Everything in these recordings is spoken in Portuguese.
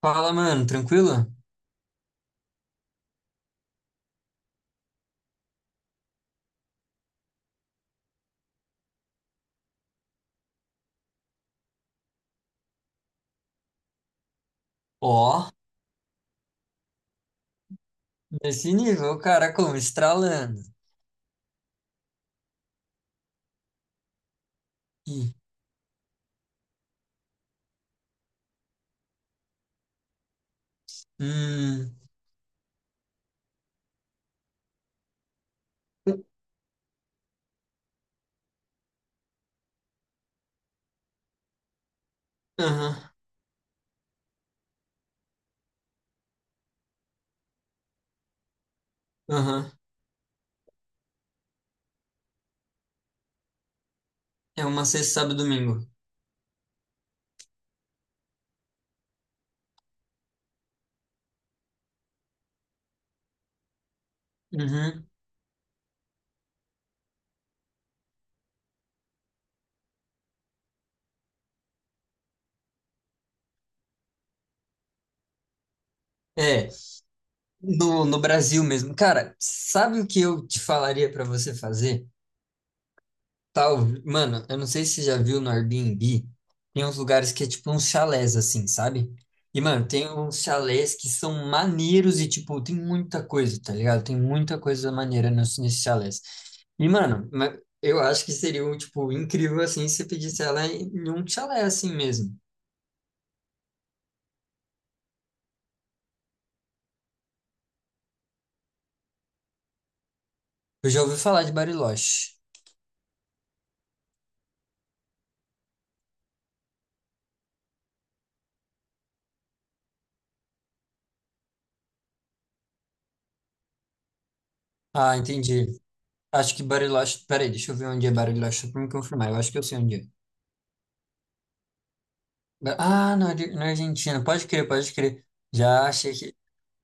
Fala, mano, tranquilo? Ó, nesse nível, o cara como estralando. Ih, hum, aham, aham. É uma sexta, sábado, e domingo. Uhum. É, no Brasil mesmo. Cara, sabe o que eu te falaria pra você fazer? Tal, mano, eu não sei se você já viu no Airbnb, tem uns lugares que é tipo uns chalés assim, sabe? E, mano, tem uns chalés que são maneiros e, tipo, tem muita coisa, tá ligado? Tem muita coisa maneira nesses chalés. E, mano, eu acho que seria, um, tipo, incrível, assim, se você pedisse ela em um chalé assim mesmo. Eu já ouvi falar de Bariloche. Ah, entendi. Acho que Bariloche... Peraí, deixa eu ver onde é Bariloche só pra me confirmar. Eu acho que eu sei onde é. Ah, na Argentina. Pode crer, pode crer. Já achei que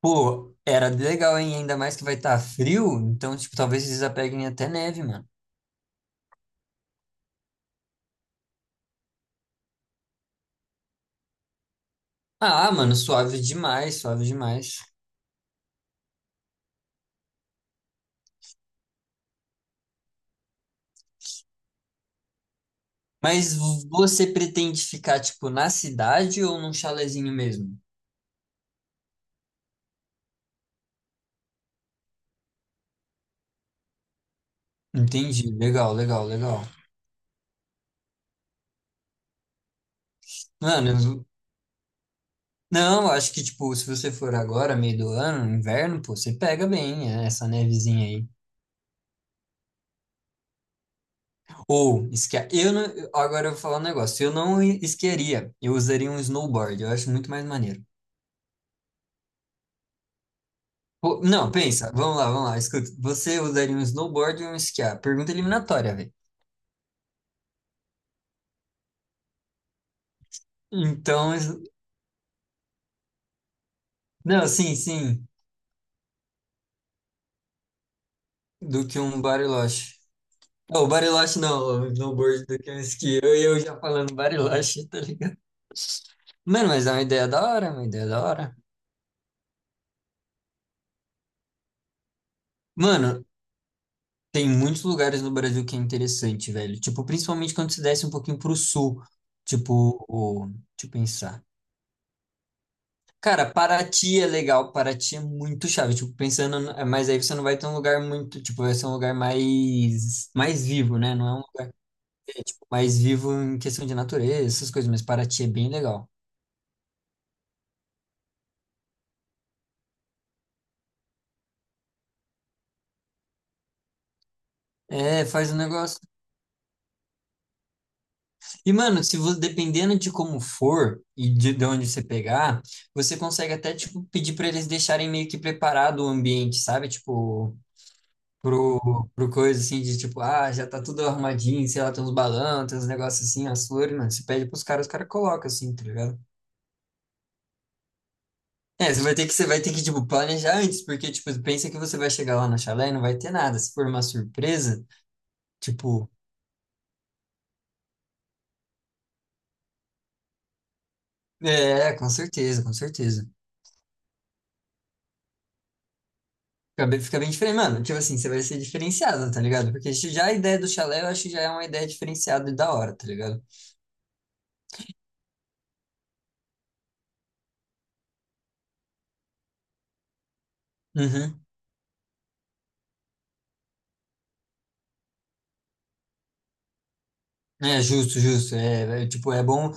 pô, era legal, hein? Ainda mais que vai estar frio, então, tipo, talvez eles apeguem até neve, mano. Ah, mano, suave demais, suave demais. Mas você pretende ficar, tipo, na cidade ou num chalezinho mesmo? Entendi, legal, legal, legal. Mano, não, acho que, tipo, se você for agora, meio do ano, inverno, pô, você pega bem é, essa nevezinha aí. Ou, esqui... eu não... agora eu vou falar um negócio, eu não esquiaria, eu usaria um snowboard, eu acho muito mais maneiro. Pô, não, pensa, vamos lá, escuta. Você usaria um snowboard ou um esquiar? Pergunta eliminatória, velho. Então, não, sim, sim, do que um bariloche. Não, o bariloche não, um snowboard do que um esqui. Eu já falando bariloche, tá ligado? Mano, mas é uma ideia da hora, é uma ideia da hora. Mano, tem muitos lugares no Brasil que é interessante, velho. Tipo, principalmente quando se desce um pouquinho pro sul. Tipo, o, deixa eu pensar. Cara, Paraty é legal, Paraty é muito chave, tipo, pensando, mas aí você não vai ter um lugar muito, tipo, vai ser um lugar mais, mais vivo, né? Não é um lugar mais vivo em questão de natureza, essas coisas, mas Paraty é bem legal. É, faz um negócio. E, mano, se você, dependendo de como for e de onde você pegar, você consegue até, tipo, pedir pra eles deixarem meio que preparado o ambiente, sabe? Tipo, pro, pro coisa assim de tipo, ah, já tá tudo arrumadinho, sei lá, tem uns balão, tem uns negócios assim, as flores, mano. Você pede pros caras, os caras colocam assim, tá ligado? É, você vai ter que, você vai ter que, tipo, planejar antes, porque, tipo, pensa que você vai chegar lá no chalé e não vai ter nada. Se for uma surpresa, tipo, é, com certeza, com certeza. Fica bem diferente, mano. Tipo assim, você vai ser diferenciado, tá ligado? Porque já a ideia do chalé, eu acho que já é uma ideia diferenciada e da hora, tá ligado? Uhum. É justo, justo. É, é, tipo, é bom.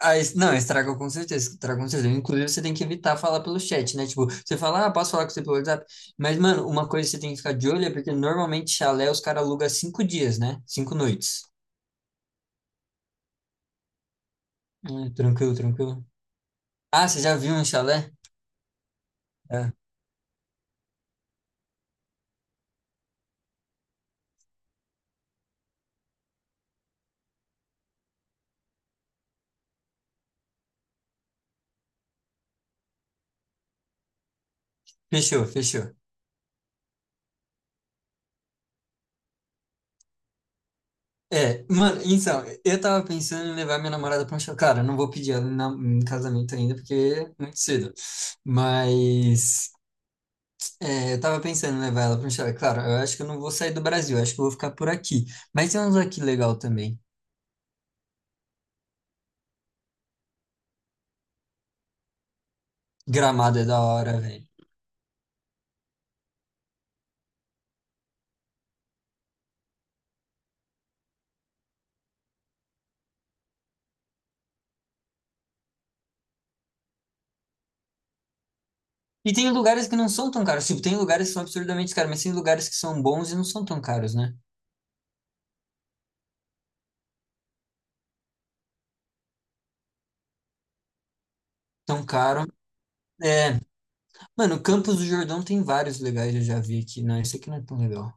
Ah, não, estraga com certeza, estraga com certeza. Inclusive, você tem que evitar falar pelo chat, né? Tipo, você fala, ah, posso falar com você pelo WhatsApp? Mas, mano, uma coisa que você tem que ficar de olho é porque normalmente chalé os caras alugam 5 dias, né? 5 noites. Tranquilo, tranquilo. Ah, você já viu um chalé? É. Fechou, fechou. É, mano, então, eu tava pensando em levar minha namorada pra um chalé. Cara, eu não vou pedir ela em, em casamento ainda, porque é muito cedo. Mas, é, eu tava pensando em levar ela para um chalé. Claro, eu acho que eu não vou sair do Brasil, eu acho que eu vou ficar por aqui. Mas tem uns aqui legal também. Gramado é da hora, velho. E tem lugares que não são tão caros. Tipo, tem lugares que são absurdamente caros, mas tem lugares que são bons e não são tão caros, né? Tão caro. É, mano, Campos do Jordão tem vários legais, eu já vi aqui. Não, isso aqui não é tão legal.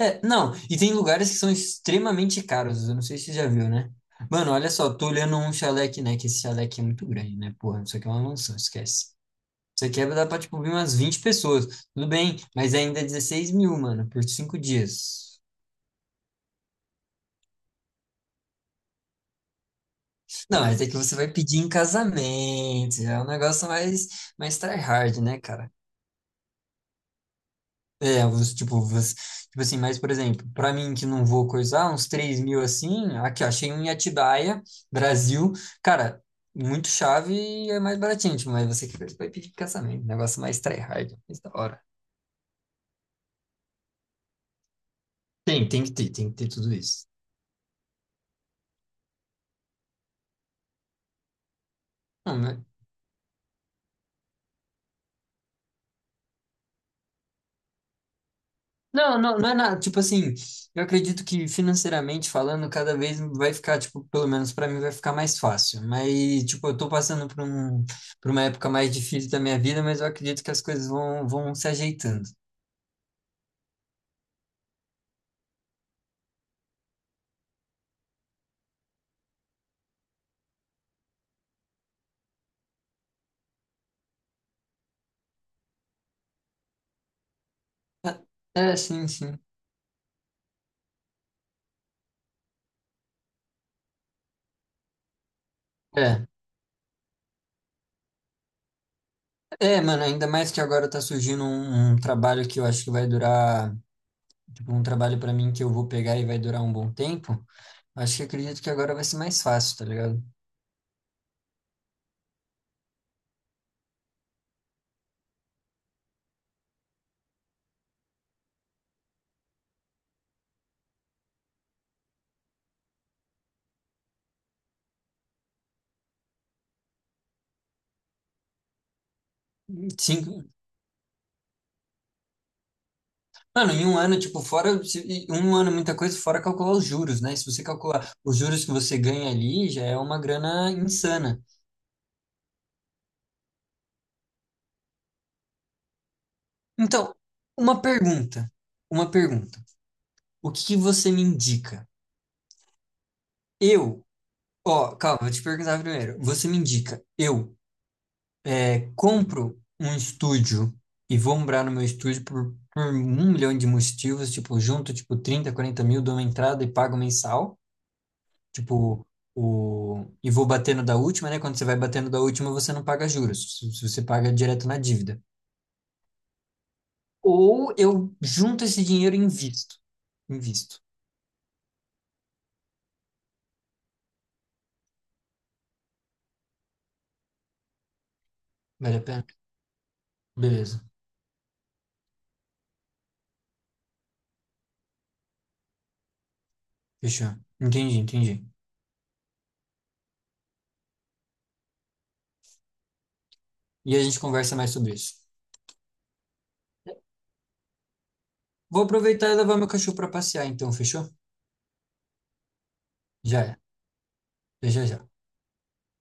É, não, e tem lugares que são extremamente caros. Eu não sei se você já viu, né? Mano, olha só, tô olhando um chalé aqui, né? Que esse chalé aqui é muito grande, né? Porra, isso aqui é uma mansão, esquece. Você quebra dá pra, tipo, vir umas 20 pessoas. Tudo bem, mas ainda é 16 mil, mano, por 5 dias. Não, mas é que você vai pedir em casamento. É um negócio mais, mais tryhard, né, cara? É, tipo, tipo assim, mas, por exemplo, pra mim que não vou coisar, uns 3 mil assim, aqui, ó, achei um em Atibaia, Brasil. Cara, muito chave e é mais baratinho, tipo, mas você que vai pedir em casamento. Um negócio mais tryhard, mais da hora. Tem, tem que ter tudo isso. Não, né? Não, não, não é nada. Tipo assim, eu acredito que financeiramente falando, cada vez vai ficar, tipo, pelo menos pra mim vai ficar mais fácil. Mas, tipo, eu tô passando por um, por uma época mais difícil da minha vida, mas eu acredito que as coisas vão se ajeitando. É, é, sim, sim. É. É, mano, ainda mais que agora tá surgindo um trabalho que eu acho que vai durar, tipo, um trabalho pra mim que eu vou pegar e vai durar um bom tempo. Acho que acredito que agora vai ser mais fácil, tá ligado? Sim, mano, em um ano, tipo, fora, em um ano é muita coisa, fora calcular os juros, né? Se você calcular os juros que você ganha ali, já é uma grana insana. Então, uma pergunta, uma pergunta. O que que você me indica? Eu, ó, calma, vou te perguntar primeiro. Você me indica, eu é, compro um estúdio e vou morar no meu estúdio por um milhão de motivos, tipo, junto, tipo, 30, 40 mil, dou uma entrada e pago mensal. Tipo, o... e vou batendo da última, né? Quando você vai batendo da última, você não paga juros. Você paga direto na dívida. Ou eu junto esse dinheiro e invisto. Invisto. Vale a pena? Beleza. Fechou. Entendi, entendi. E a gente conversa mais sobre isso. Vou aproveitar e levar meu cachorro para passear, então, fechou? Já é. Já, já, já.